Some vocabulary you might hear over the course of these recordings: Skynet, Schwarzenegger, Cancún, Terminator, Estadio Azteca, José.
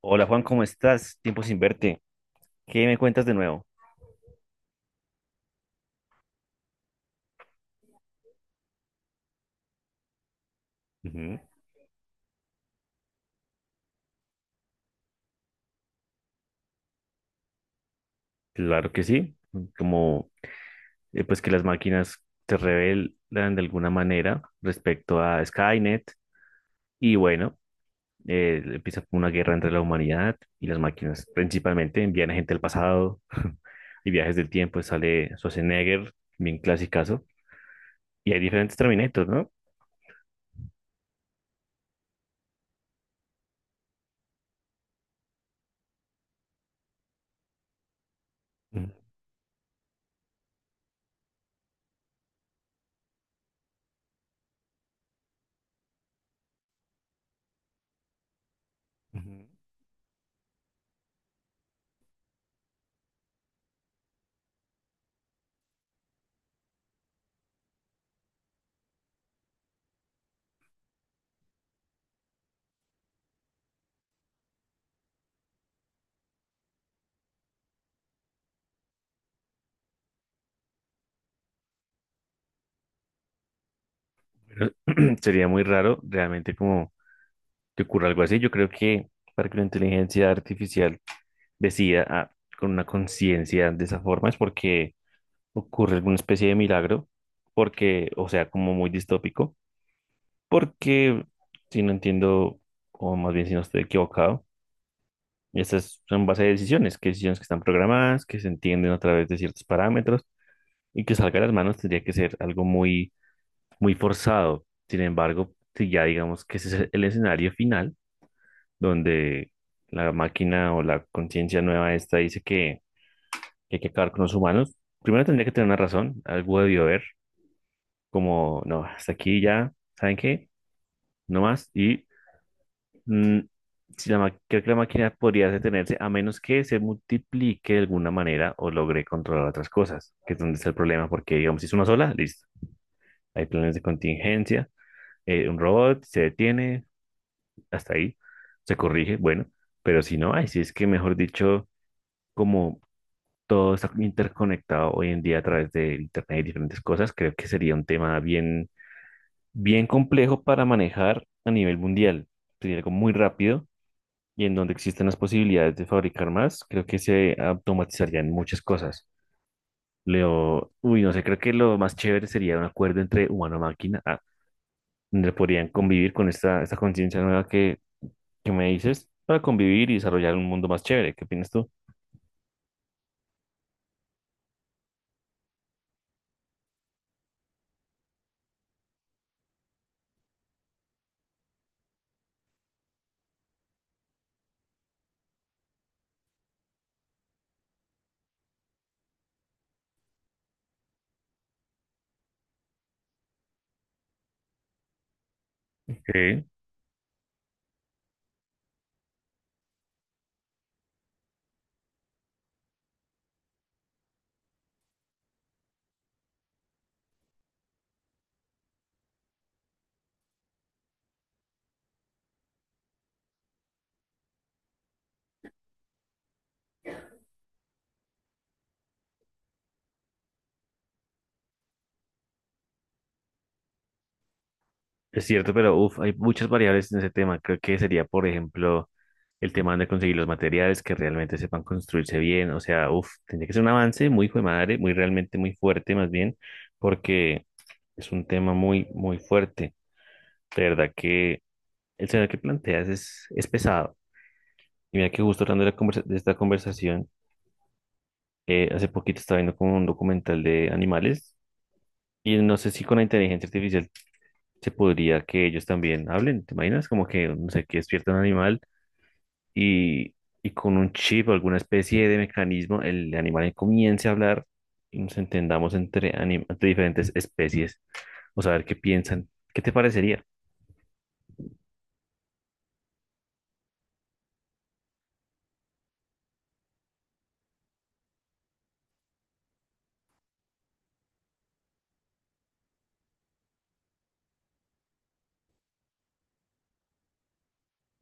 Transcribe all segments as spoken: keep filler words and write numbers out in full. Hola Juan, ¿cómo estás? Tiempo sin verte. ¿Qué me cuentas de nuevo? Ujú. Claro que sí. Como eh, pues que las máquinas se rebelan de alguna manera respecto a Skynet y bueno, eh, empieza como una guerra entre la humanidad y las máquinas. Principalmente envían a gente al pasado y viajes del tiempo. Sale Schwarzenegger, bien clasicazo. Y hay diferentes Terminators, ¿no? Ujú, ujú. Pero sería muy raro realmente como que ocurra algo así. Yo creo que para que la inteligencia artificial decida ah, con una conciencia de esa forma es porque ocurre alguna especie de milagro, porque, o sea, como muy distópico, porque si no entiendo, o más bien si no estoy equivocado, estas son base de decisiones, que decisiones que están programadas, que se entienden a través de ciertos parámetros y que salga de las manos tendría que ser algo muy, muy forzado. Sin embargo, si ya digamos que ese es el escenario final, donde la máquina o la conciencia nueva esta dice que, que hay que acabar con los humanos, primero tendría que tener una razón, algo debió haber, como, no, hasta aquí ya, ¿saben qué? No más. Y mm, si la ma- creo que la máquina podría detenerse a menos que se multiplique de alguna manera o logre controlar otras cosas, que es donde está el problema, porque digamos, si es una sola, listo. Hay planes de contingencia, eh, un robot se detiene, hasta ahí, se corrige, bueno, pero si no, ahí sí es que, mejor dicho, como todo está interconectado hoy en día a través de Internet y diferentes cosas, creo que sería un tema bien, bien complejo para manejar a nivel mundial. Sería algo muy rápido y en donde existen las posibilidades de fabricar más, creo que se automatizarían muchas cosas. Leo, uy, no sé, creo que lo más chévere sería un acuerdo entre humano-máquina, ah, donde podrían convivir con esta, esta conciencia nueva que, que me dices para convivir y desarrollar un mundo más chévere. ¿Qué opinas tú? Ok. Es cierto, pero uf, hay muchas variables en ese tema. Creo que sería, por ejemplo, el tema de conseguir los materiales que realmente sepan construirse bien. O sea, uf, tendría que ser un avance muy hijo de madre, muy realmente muy fuerte, más bien, porque es un tema muy, muy fuerte. De verdad que el tema que planteas es, es pesado. Y mira que justo hablando de, la conversa- de esta conversación, eh, hace poquito estaba viendo como un documental de animales. Y no sé si con la inteligencia artificial se podría que ellos también hablen. ¿Te imaginas? Como que, no sé, que despierta un animal y, y con un chip o alguna especie de mecanismo, el animal comience a hablar y nos entendamos entre, anim- entre diferentes especies o saber qué piensan. ¿Qué te parecería?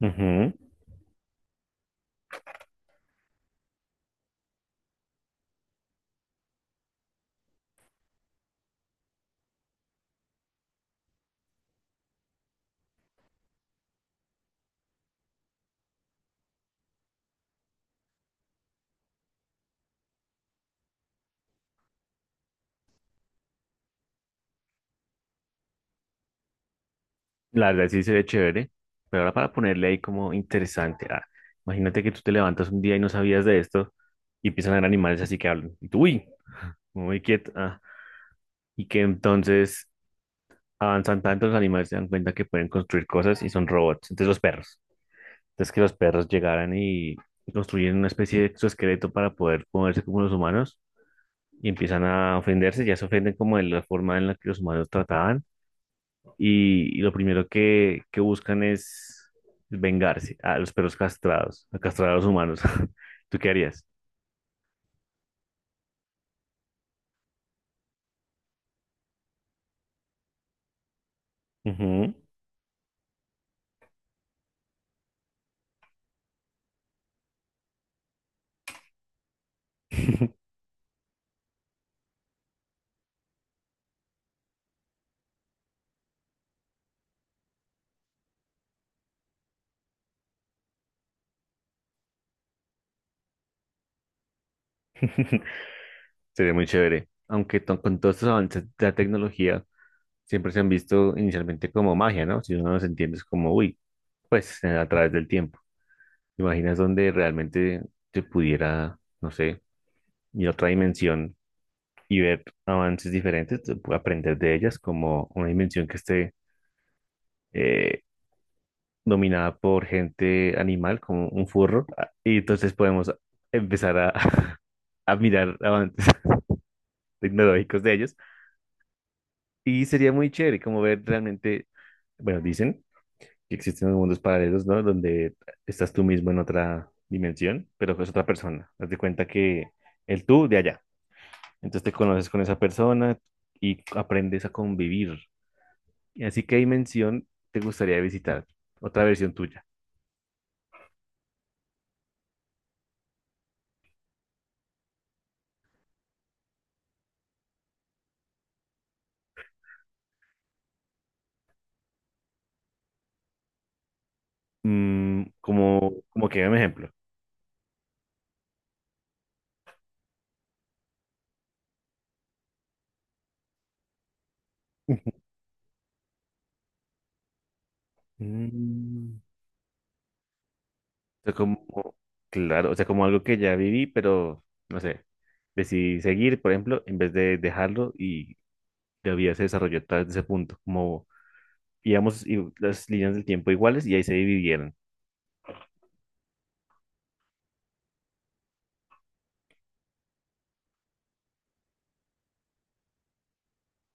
Ujú. La verdad sí se ve chévere, pero ahora para ponerle ahí como interesante. Ah, imagínate que tú te levantas un día y no sabías de esto y empiezan a haber animales así que hablan. Y tú, uy, muy quieto. Ah, y que entonces avanzan tanto los animales se dan cuenta que pueden construir cosas y son robots. Entonces los perros. Entonces que los perros llegaran y construyen una especie de exoesqueleto para poder moverse como los humanos y empiezan a ofenderse, ya se ofenden como de la forma en la que los humanos trataban y, y lo primero que, que buscan es vengarse a los perros castrados, a castrar a los humanos. ¿Tú qué harías? Ujú. Sería muy chévere. Aunque to- con todos estos avances de la tecnología siempre se han visto inicialmente como magia, ¿no? Si uno los entiende es como, uy, pues eh, a través del tiempo. ¿Te imaginas donde realmente te pudiera, no sé, ir a otra dimensión y ver avances diferentes, te aprender de ellas como una dimensión que esté eh, dominada por gente animal, como un furro? Ah, Y entonces podemos empezar a, a mirar avances tecnológicos de ellos. Y sería muy chévere como ver realmente, bueno, dicen que existen unos mundos paralelos, ¿no? Donde estás tú mismo en otra dimensión, pero es otra persona. Haz de cuenta que el tú de allá. Entonces te conoces con esa persona y aprendes a convivir. Y así que dimensión te gustaría visitar, otra versión tuya. Mm, como, como que un ejemplo. Mm, o sea, como, claro, o sea, como algo que ya viví, pero no sé, decidí seguir, por ejemplo, en vez de dejarlo y la vida se desarrolló a través de ese punto, como íbamos y las líneas del tiempo iguales y ahí se dividieron.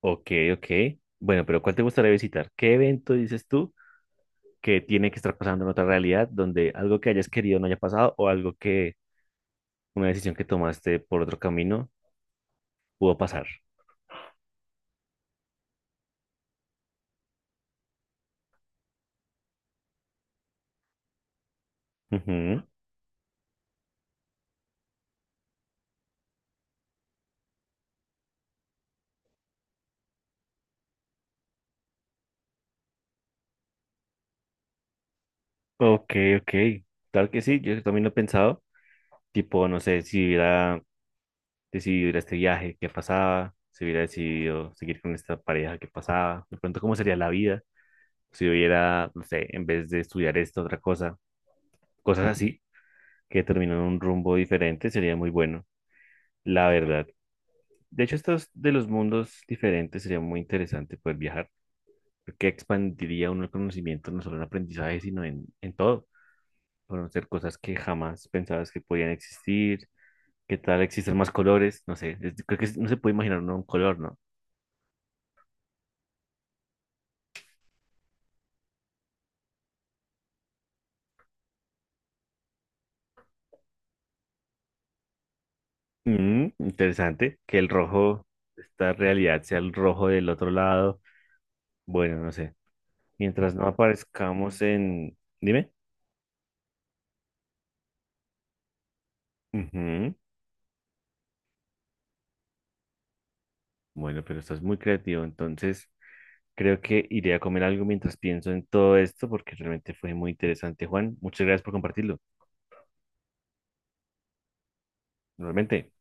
Ok, ok. Bueno, pero ¿cuál te gustaría visitar? ¿Qué evento dices tú? Que tiene que estar pasando en otra realidad donde algo que hayas querido no haya pasado o algo que una decisión que tomaste por otro camino pudo pasar. Ujú. Ok, ok. Claro que sí, yo también lo he pensado. Tipo, no sé, si hubiera decidido ir a este viaje, qué pasaba, si hubiera decidido seguir con esta pareja, qué pasaba, de pronto cómo sería la vida, si hubiera, no sé, en vez de estudiar esto, otra cosa, cosas así, que terminan en un rumbo diferente, sería muy bueno, la verdad. De hecho, estos de los mundos diferentes sería muy interesante poder viajar, porque expandiría uno el conocimiento no solo en aprendizaje, sino en, en todo. Conocer cosas que jamás pensabas que podían existir, qué tal existen más colores, no sé, es- creo que no se puede imaginar uno un color, ¿no? Mm, interesante, que el rojo, esta realidad sea el rojo del otro lado, bueno, no sé. Mientras no aparezcamos en... Dime. Ujú. Bueno, pero estás muy creativo, entonces... Creo que iré a comer algo mientras pienso en todo esto porque realmente fue muy interesante, Juan. Muchas gracias por compartirlo. Normalmente.